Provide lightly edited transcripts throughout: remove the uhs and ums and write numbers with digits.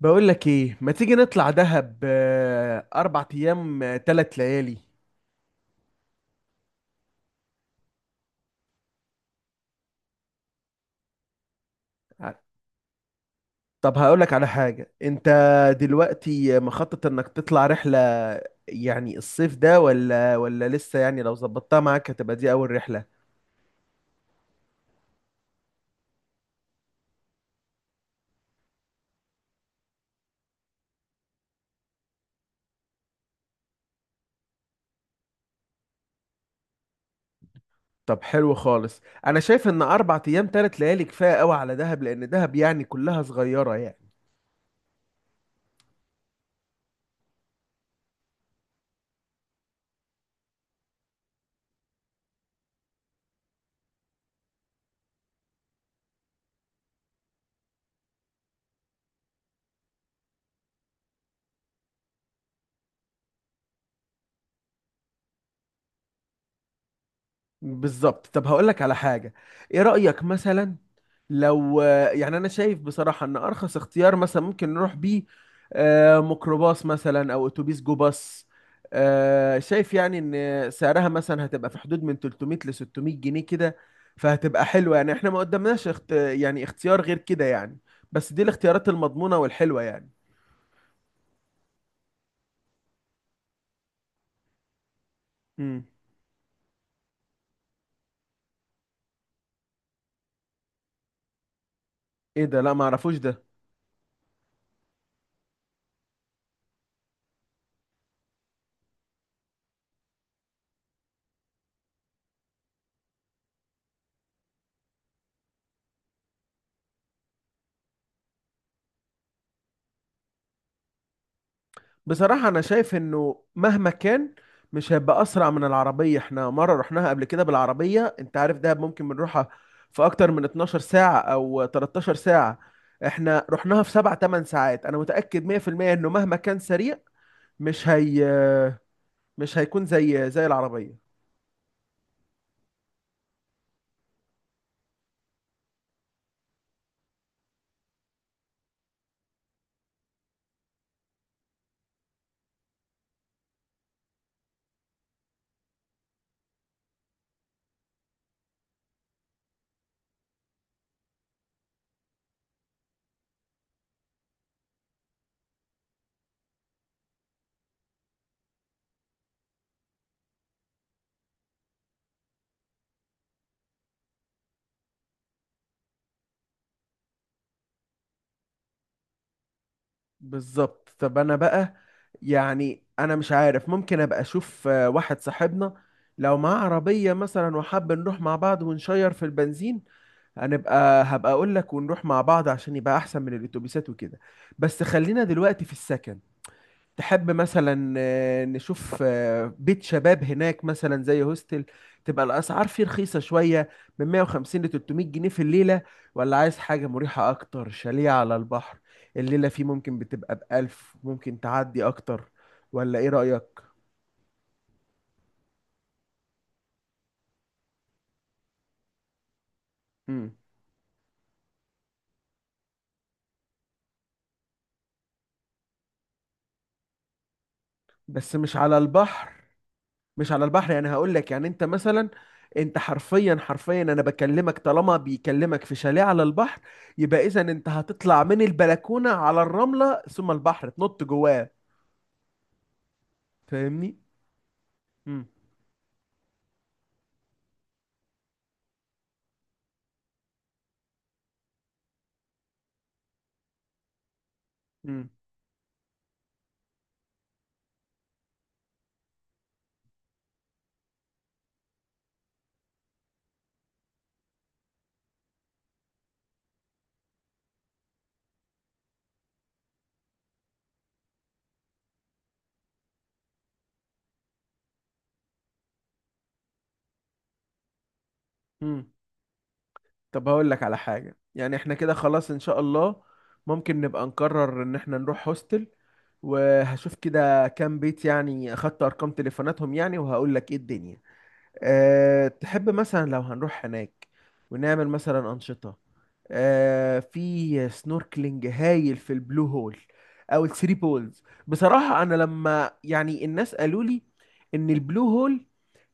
بقول لك ايه، ما تيجي نطلع دهب؟ اربع ايام، ثلاث ليالي. طب هقول لك على حاجة. انت دلوقتي مخطط انك تطلع رحلة يعني الصيف ده ولا لسه؟ يعني لو ظبطتها معاك هتبقى دي اول رحلة. طب حلو خالص، انا شايف ان اربع ايام ثلاث ليالي كفاية قوي على دهب، لان دهب يعني كلها صغيرة يعني. بالظبط. طب هقول لك على حاجة، ايه رأيك مثلا لو، يعني انا شايف بصراحة ان ارخص اختيار مثلا ممكن نروح بيه، ميكروباص مثلا او اتوبيس جو باص. شايف يعني ان سعرها مثلا هتبقى في حدود من 300 ل 600 جنيه كده، فهتبقى حلوة يعني. احنا ما قدامناش يعني اختيار غير كده يعني، بس دي الاختيارات المضمونة والحلوة يعني. مم. ايه ده؟ لا ما اعرفوش ده. بصراحة أنا شايف إنه مهما كان مش هيبقى أسرع من العربية. إحنا مرة رحناها قبل كده بالعربية، أنت عارف دهب ممكن بنروحها في أكتر من 12 ساعة أو 13 ساعة، إحنا رحناها في 7 8 ساعات. أنا متأكد 100% إنه مهما كان سريع مش هي، مش هيكون زي العربية. بالظبط. طب أنا بقى، يعني أنا مش عارف، ممكن أبقى أشوف واحد صاحبنا لو معاه عربية مثلا وحاب نروح مع بعض ونشير في البنزين، هبقى اقول لك ونروح مع بعض عشان يبقى احسن من الاتوبيسات وكده. بس خلينا دلوقتي في السكن. تحب مثلا نشوف بيت شباب هناك مثلا زي هوستل؟ تبقى الاسعار فيه رخيصة شوية من 150 ل 300 جنيه في الليلة، ولا عايز حاجة مريحة اكتر، شاليه على البحر، الليلة فيه ممكن بتبقى ب 1000 ممكن تعدي اكتر؟ ولا ايه رأيك؟ مم. بس مش على البحر. مش على البحر يعني هقول لك، يعني انت مثلا، انت حرفيا حرفيا انا بكلمك طالما بيكلمك في شاليه على البحر يبقى اذا انت هتطلع من البلكونه على الرمله ثم البحر تنط جواه، فاهمني؟ امم. امم. امم. طب هقول لك على حاجه، يعني احنا كده خلاص ان شاء الله ممكن نبقى نقرر ان احنا نروح هوستل، وهشوف كده كام بيت يعني، اخدت ارقام تليفوناتهم يعني، وهقول لك ايه الدنيا. أه تحب مثلا لو هنروح هناك ونعمل مثلا أنشطة؟ أه في سنوركلينج هايل في البلو هول أو الثري بولز. بصراحة أنا لما يعني الناس قالوا لي إن البلو هول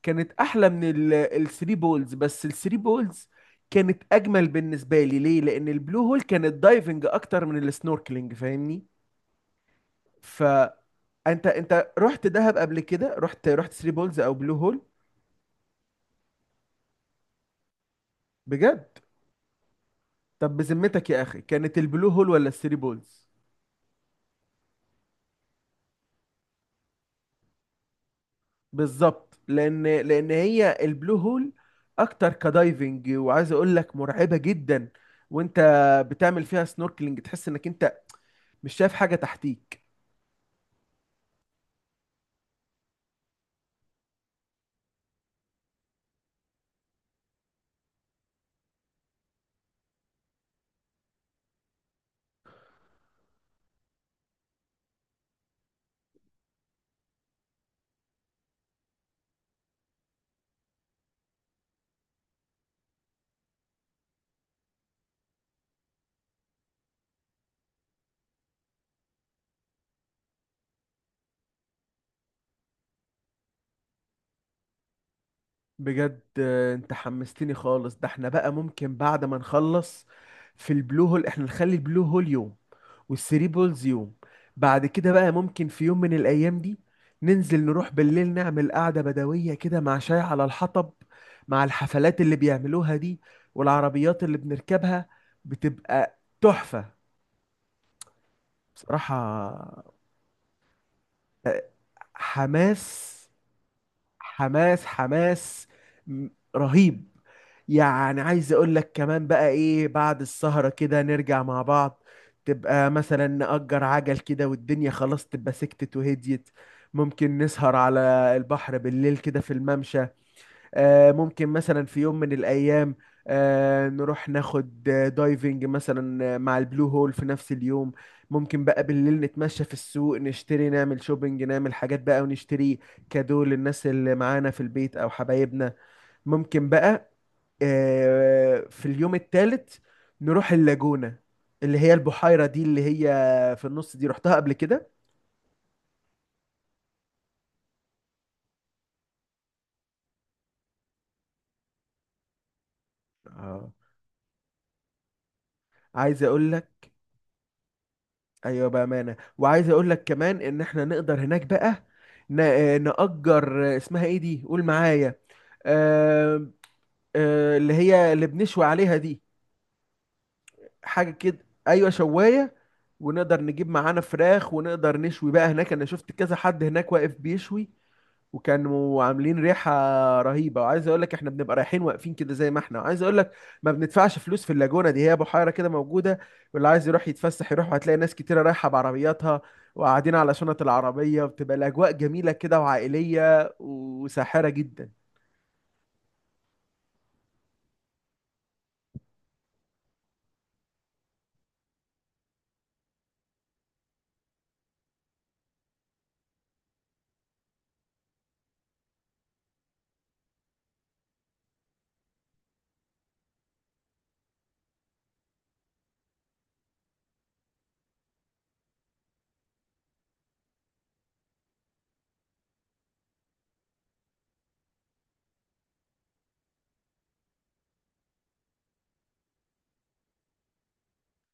كانت أحلى من الثري بولز، بس الثري بولز كانت أجمل بالنسبة لي. ليه؟ لأن البلو هول كانت دايفنج أكتر من السنوركلينج، فاهمني؟ فأنت، أنت رحت دهب قبل كده؟ رحت ثري بولز أو بلو هول؟ بجد؟ طب بذمتك يا اخي، كانت البلو هول ولا الثري بولز؟ بالظبط، لان هي البلو هول اكتر كدايفنج، وعايز اقول لك مرعبه جدا، وانت بتعمل فيها سنوركلينج تحس انك انت مش شايف حاجه تحتيك. بجد. انت حمستني خالص. ده احنا بقى ممكن بعد ما نخلص في البلو هول، احنا نخلي البلو هول يوم والثري بولز يوم، بعد كده بقى ممكن في يوم من الايام دي ننزل نروح بالليل نعمل قعدة بدوية كده مع شاي على الحطب، مع الحفلات اللي بيعملوها دي، والعربيات اللي بنركبها بتبقى تحفة بصراحة. آه، حماس، حماس، حماس، م- رهيب. يعني عايز اقول لك كمان بقى ايه، بعد السهرة كده نرجع مع بعض، تبقى مثلا نأجر عجل كده، والدنيا خلاص تبقى سكتت وهديت، ممكن نسهر على البحر بالليل كده في الممشى. ممكن مثلا في يوم من الأيام نروح ناخد دايفنج مثلا مع البلو هول في نفس اليوم. ممكن بقى بالليل نتمشى في السوق، نشتري نعمل شوبينج، نعمل حاجات بقى ونشتري كادو للناس اللي معانا في البيت أو حبايبنا. ممكن بقى في اليوم الثالث نروح اللاجونة، اللي هي البحيرة دي اللي هي في النص دي، رحتها قبل كده. اه. عايز اقول، ايوه بامانه. وعايز اقول لك كمان ان احنا نقدر هناك بقى، نأجر، اسمها ايه دي؟ قول معايا. آه، اللي هي اللي بنشوي عليها دي، حاجه كده. ايوه، شوايه. ونقدر نجيب معانا فراخ ونقدر نشوي بقى هناك. انا شفت كذا حد هناك واقف بيشوي وكانوا عاملين ريحة رهيبة. وعايز اقول لك احنا بنبقى رايحين واقفين كده زي ما احنا، وعايز اقول لك ما بندفعش فلوس في اللاجونة دي، هي بحيرة كده موجودة واللي عايز يروح يتفسح يروح، وهتلاقي ناس كتيرة رايحة بعربياتها وقاعدين على شنط العربية، بتبقى الأجواء جميلة كده، وعائلية وساحرة جدا.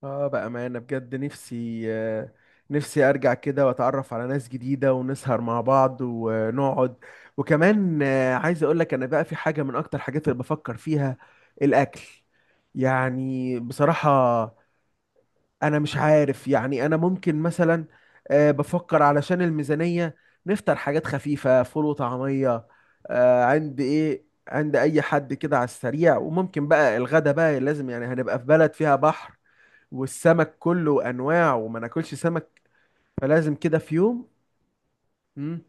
اه بأمانة بجد، نفسي، نفسي ارجع كده واتعرف على ناس جديدة ونسهر مع بعض ونقعد. وكمان عايز اقول لك، انا بقى في حاجة من اكتر حاجات اللي بفكر فيها، الاكل. يعني بصراحة انا مش عارف، يعني انا ممكن مثلا بفكر علشان الميزانية نفطر حاجات خفيفة، فول وطعمية، عند ايه، عند اي حد كده على السريع. وممكن بقى الغدا بقى لازم يعني، هنبقى في بلد فيها بحر والسمك كله انواع وما ناكلش سمك، فلازم كده في يوم. مم.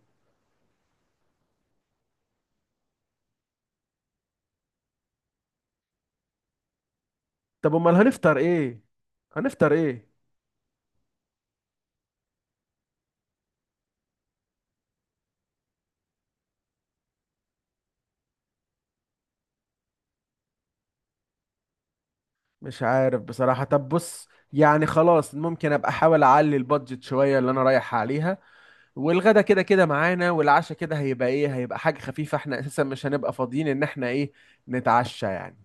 طب امال هنفطر ايه؟ هنفطر ايه؟ مش عارف بصراحة. طب بص يعني خلاص، ممكن ابقى احاول اعلي البادجت شوية اللي انا رايح عليها. والغدا كده كده معانا، والعشاء كده هيبقى ايه، هيبقى حاجة خفيفة، احنا اساسا مش هنبقى فاضيين ان احنا ايه نتعشى يعني.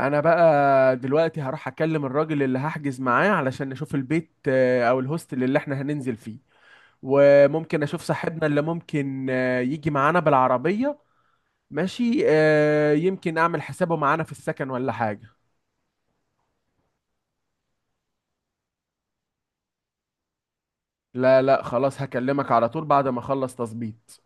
انا بقى دلوقتي هروح اكلم الراجل اللي هحجز معاه علشان نشوف البيت، او الهوستل اللي احنا هننزل فيه. وممكن اشوف صاحبنا اللي ممكن يجي معانا بالعربية. ماشي. يمكن اعمل حسابه معانا في السكن ولا حاجة. لا لا خلاص هكلمك على طول بعد ما اخلص تظبيط.